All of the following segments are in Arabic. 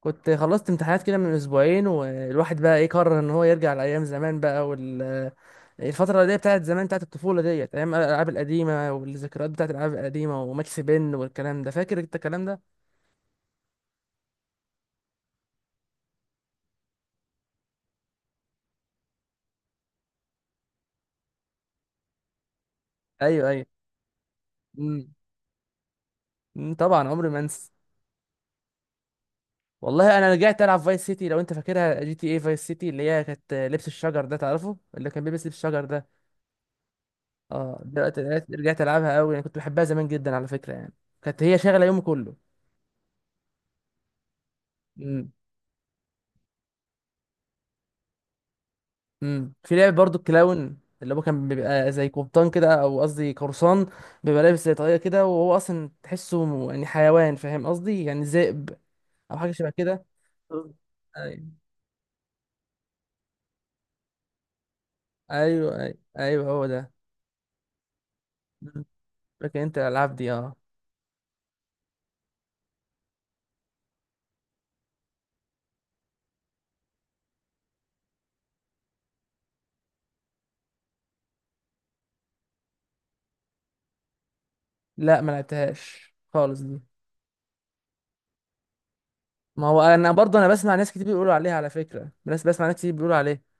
كنت خلصت امتحانات كده من اسبوعين والواحد بقى ايه قرر ان هو يرجع لايام زمان بقى الفترة دي بتاعت زمان، بتاعت الطفولة ديت، أيام الألعاب القديمة والذكريات بتاعت الألعاب القديمة وماكس بن والكلام ده، فاكر أنت الكلام ده؟ ايوه ايوه. مم. طبعا عمري ما انسى. والله انا رجعت العب فايس سيتي، لو انت فاكرها، جي تي اي فايس سيتي، اللي هي كانت لبس الشجر ده، تعرفه اللي كان بيلبس لبس الشجر ده؟ اه، دلوقتي رجعت العبها قوي. انا كنت بحبها زمان جدا على فكره يعني، كانت هي شاغله يومي كله. مم. امم، في لعبة برضو الكلاون، اللي هو كان بيبقى زي قبطان كده، او قصدي قرصان، بيبقى لابس زي طاقية كده، وهو اصلا تحسه يعني حيوان، فاهم قصدي، يعني ذئب او حاجة شبه كده. أوه. ايوه ايوه ايوه، أيوة هو ده. مم. فاكر انت الالعاب دي؟ اه. لا ما لعبتهاش خالص دي. ما هو انا برضو، انا بسمع ناس كتير بيقولوا عليها على فكرة، بس بسمع ناس كتير بيقولوا عليه.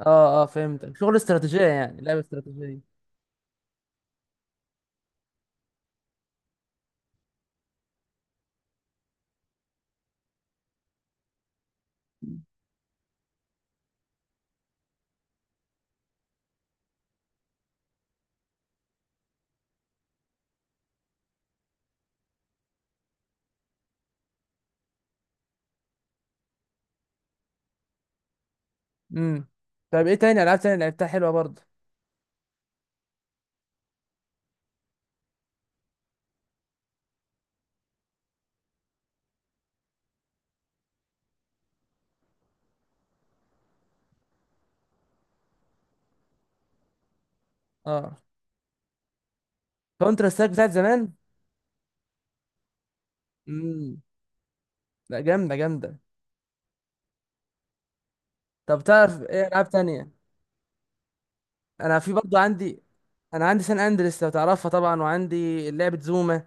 اه اه، فهمتك، شغل استراتيجية يعني، لعبة استراتيجية. امم. طيب ايه تاني؟ العاب تاني لعبتها حلوة برضو؟ اه، كونترا سترايك بتاعت زمان. امم. لا، جامده جامده. طب تعرف ايه العاب تانية؟ انا في برضو عندي، انا عندي سان اندريس لو تعرفها طبعا، وعندي لعبه زوما،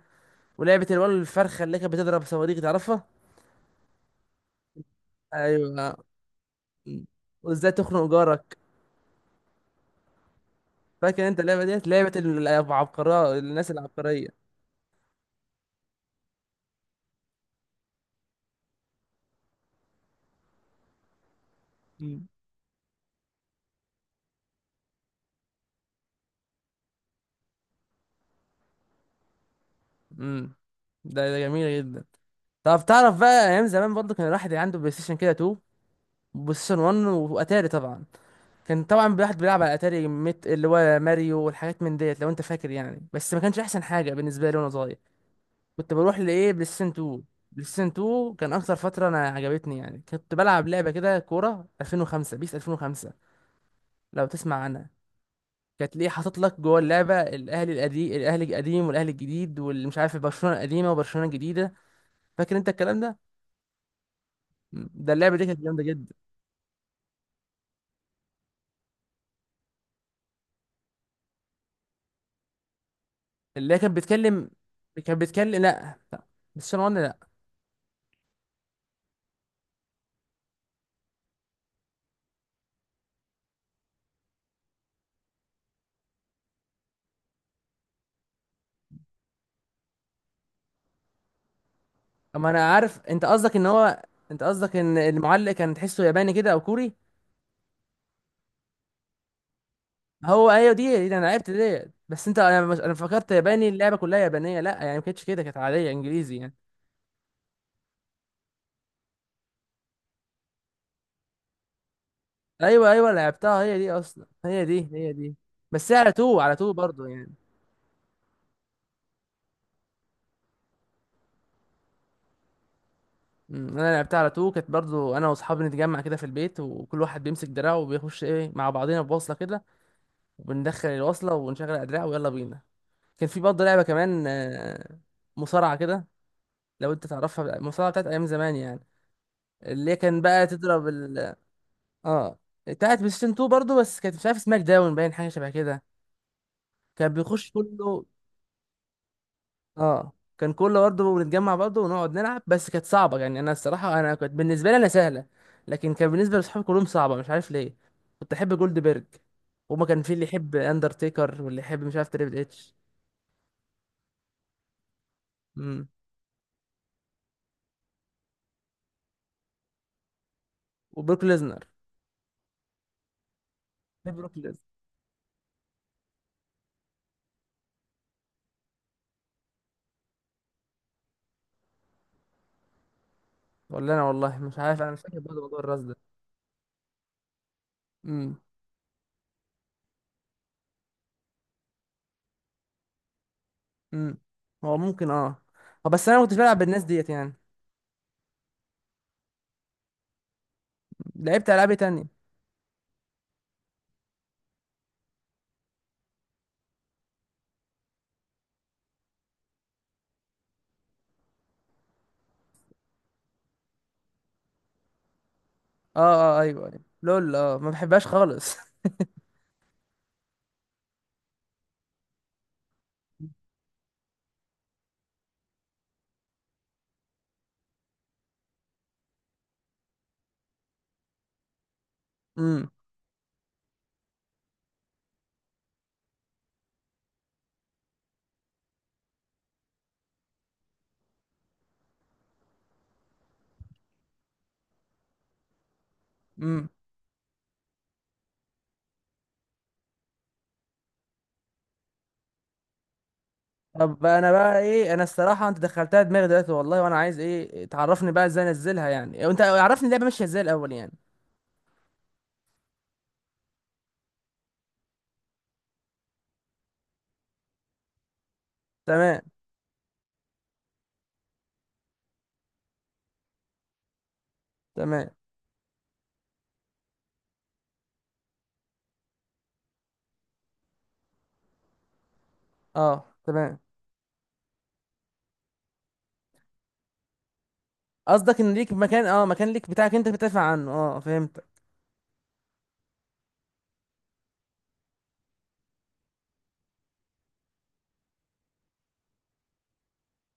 ولعبه الولد الفرخه اللي كانت بتضرب صواريخ، تعرفها؟ ايوه. مم. وازاي تخنق جارك. فاكر انت اللعبه ديت؟ لعبه العبقريه، الناس العبقريه. مم. امم. ده جميله جدا. طب تعرف بقى، ايام زمان برضو كان الواحد عنده بلاي ستيشن كده 2، بلاي ستيشن 1، واتاري طبعا. كان طبعا الواحد بيلعب على اتاري ميت، اللي هو ماريو والحاجات من ديت، لو انت فاكر يعني، بس ما كانش احسن حاجه بالنسبه لي وانا صغير. كنت بروح لايه، بلاي ستيشن 2. بلاي ستيشن 2 كان اكتر فتره انا عجبتني يعني. كنت بلعب لعبه كده، كوره 2005، بيس 2005، لو تسمع عنها. كانت ليه حاطط لك جوه اللعبه الاهلي القديم، الاهلي القديم والاهلي الجديد، واللي مش عارف برشلونه القديمه وبرشلونه الجديده. فاكر انت الكلام ده؟ ده اللعبه دي كانت جامده جدا. اللي هي كانت بتكلم، كانت بتكلم، لا لا، بس اما انا عارف انت قصدك ان هو، انت قصدك ان المعلق كان تحسه ياباني كده او كوري. هو ايوه، دي انا عرفت دي. بس انت، انا مش، انا فكرت ياباني، اللعبه كلها يابانيه، لا يعني ما كانتش كده، كانت عاديه انجليزي يعني. ايوه ايوه لعبتها، هي دي اصلا، هي دي هي دي. بس هي على تو، على تو برضه يعني. انا لعبتها على تو، كانت برضه انا واصحابي نتجمع كده في البيت، وكل واحد بيمسك دراعه وبيخش ايه مع بعضينا بوصله كده، وبندخل الوصله ونشغل الادراع ويلا بينا. كان في برضه لعبه كمان، مصارعه كده، لو انت تعرفها، المصارعه بتاعت ايام زمان يعني، اللي كان بقى تضرب ال، اه، بتاعت بلاي ستيشن 2 برضه، بس كانت مش عارف سماك داون باين، حاجه شبه كده، كان بيخش كله. اه، كان كله برضه بنتجمع برضه ونقعد نلعب، بس كانت صعبه يعني، انا الصراحه انا كنت بالنسبه لي انا سهله، لكن كان بالنسبه لاصحابي كلهم صعبه، مش عارف ليه. كنت احب جولد بيرج، وما كان في اللي يحب اندرتيكر، واللي يحب مش عارف تريبل اتش. امم، وبروك ليزنر، بحب بروك ليزنر. ولا انا والله مش عارف، انا مش فاكر برضه موضوع الراس ده. امم، هو ممكن اه. بس انا ما كنتش بلعب بالناس ديت يعني. لعبت العاب إيه تانية؟ اه اه ايوه ايوه لول، اه ما بحبهاش خالص امم امم. طب انا بقى ايه، انا الصراحه انت دخلتها دماغي دلوقتي والله، وانا عايز ايه، تعرفني بقى ازاي انزلها يعني؟ انت عرفني اللعبه ماشيه ازاي الاول يعني. تمام. تمام. اه تمام، قصدك ان ليك مكان، اه مكان ليك بتاعك انت بتدافع عنه، اه فهمت.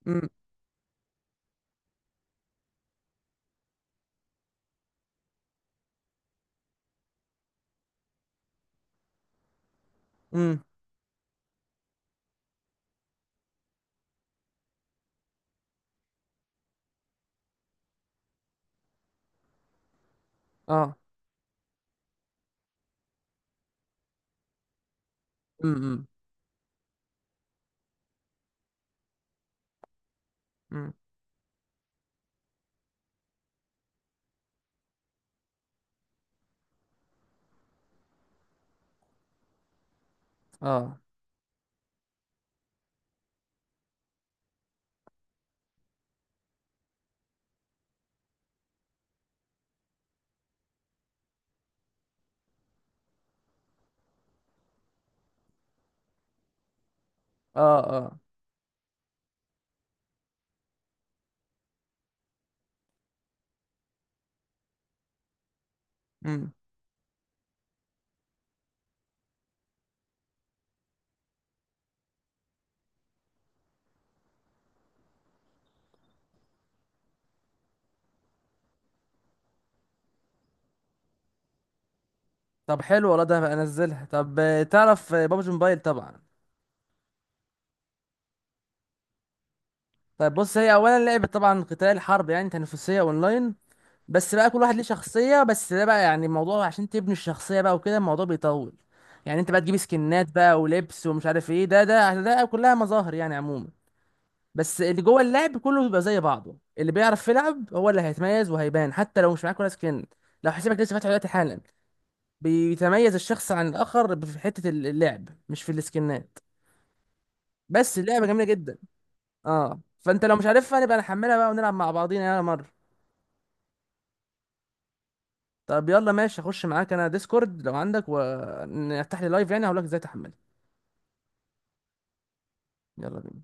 امم امم. اه. امم. أمم. اه اه اه. طب حلو والله، ده هبقى انزلها. طب، تعرف بابجي موبايل طبعا؟ طيب بص، هي اولا لعبه طبعا قتال حرب يعني، تنافسيه اونلاين، بس بقى كل واحد ليه شخصيه، بس ده بقى يعني، الموضوع عشان تبني الشخصيه بقى وكده الموضوع بيطول يعني. انت بقى تجيب سكنات بقى ولبس ومش عارف ايه، ده ده ده كلها مظاهر يعني عموما، بس اللي جوه اللعب كله بيبقى زي بعضه، اللي بيعرف يلعب هو اللي هيتميز وهيبان، حتى لو مش معاك ولا سكن، لو حسابك لسه فاتح دلوقتي حالا، بيتميز الشخص عن الاخر في حته اللعب، مش في السكنات. بس اللعبه جميله جدا. اه، فانت لو مش عارفها نبقى نحملها بقى ونلعب مع بعضينا، يلا مره. طب يلا ماشي، اخش معاك انا ديسكورد لو عندك، ونفتح لي لايف يعني هقول لك ازاي تحملها. يلا بينا.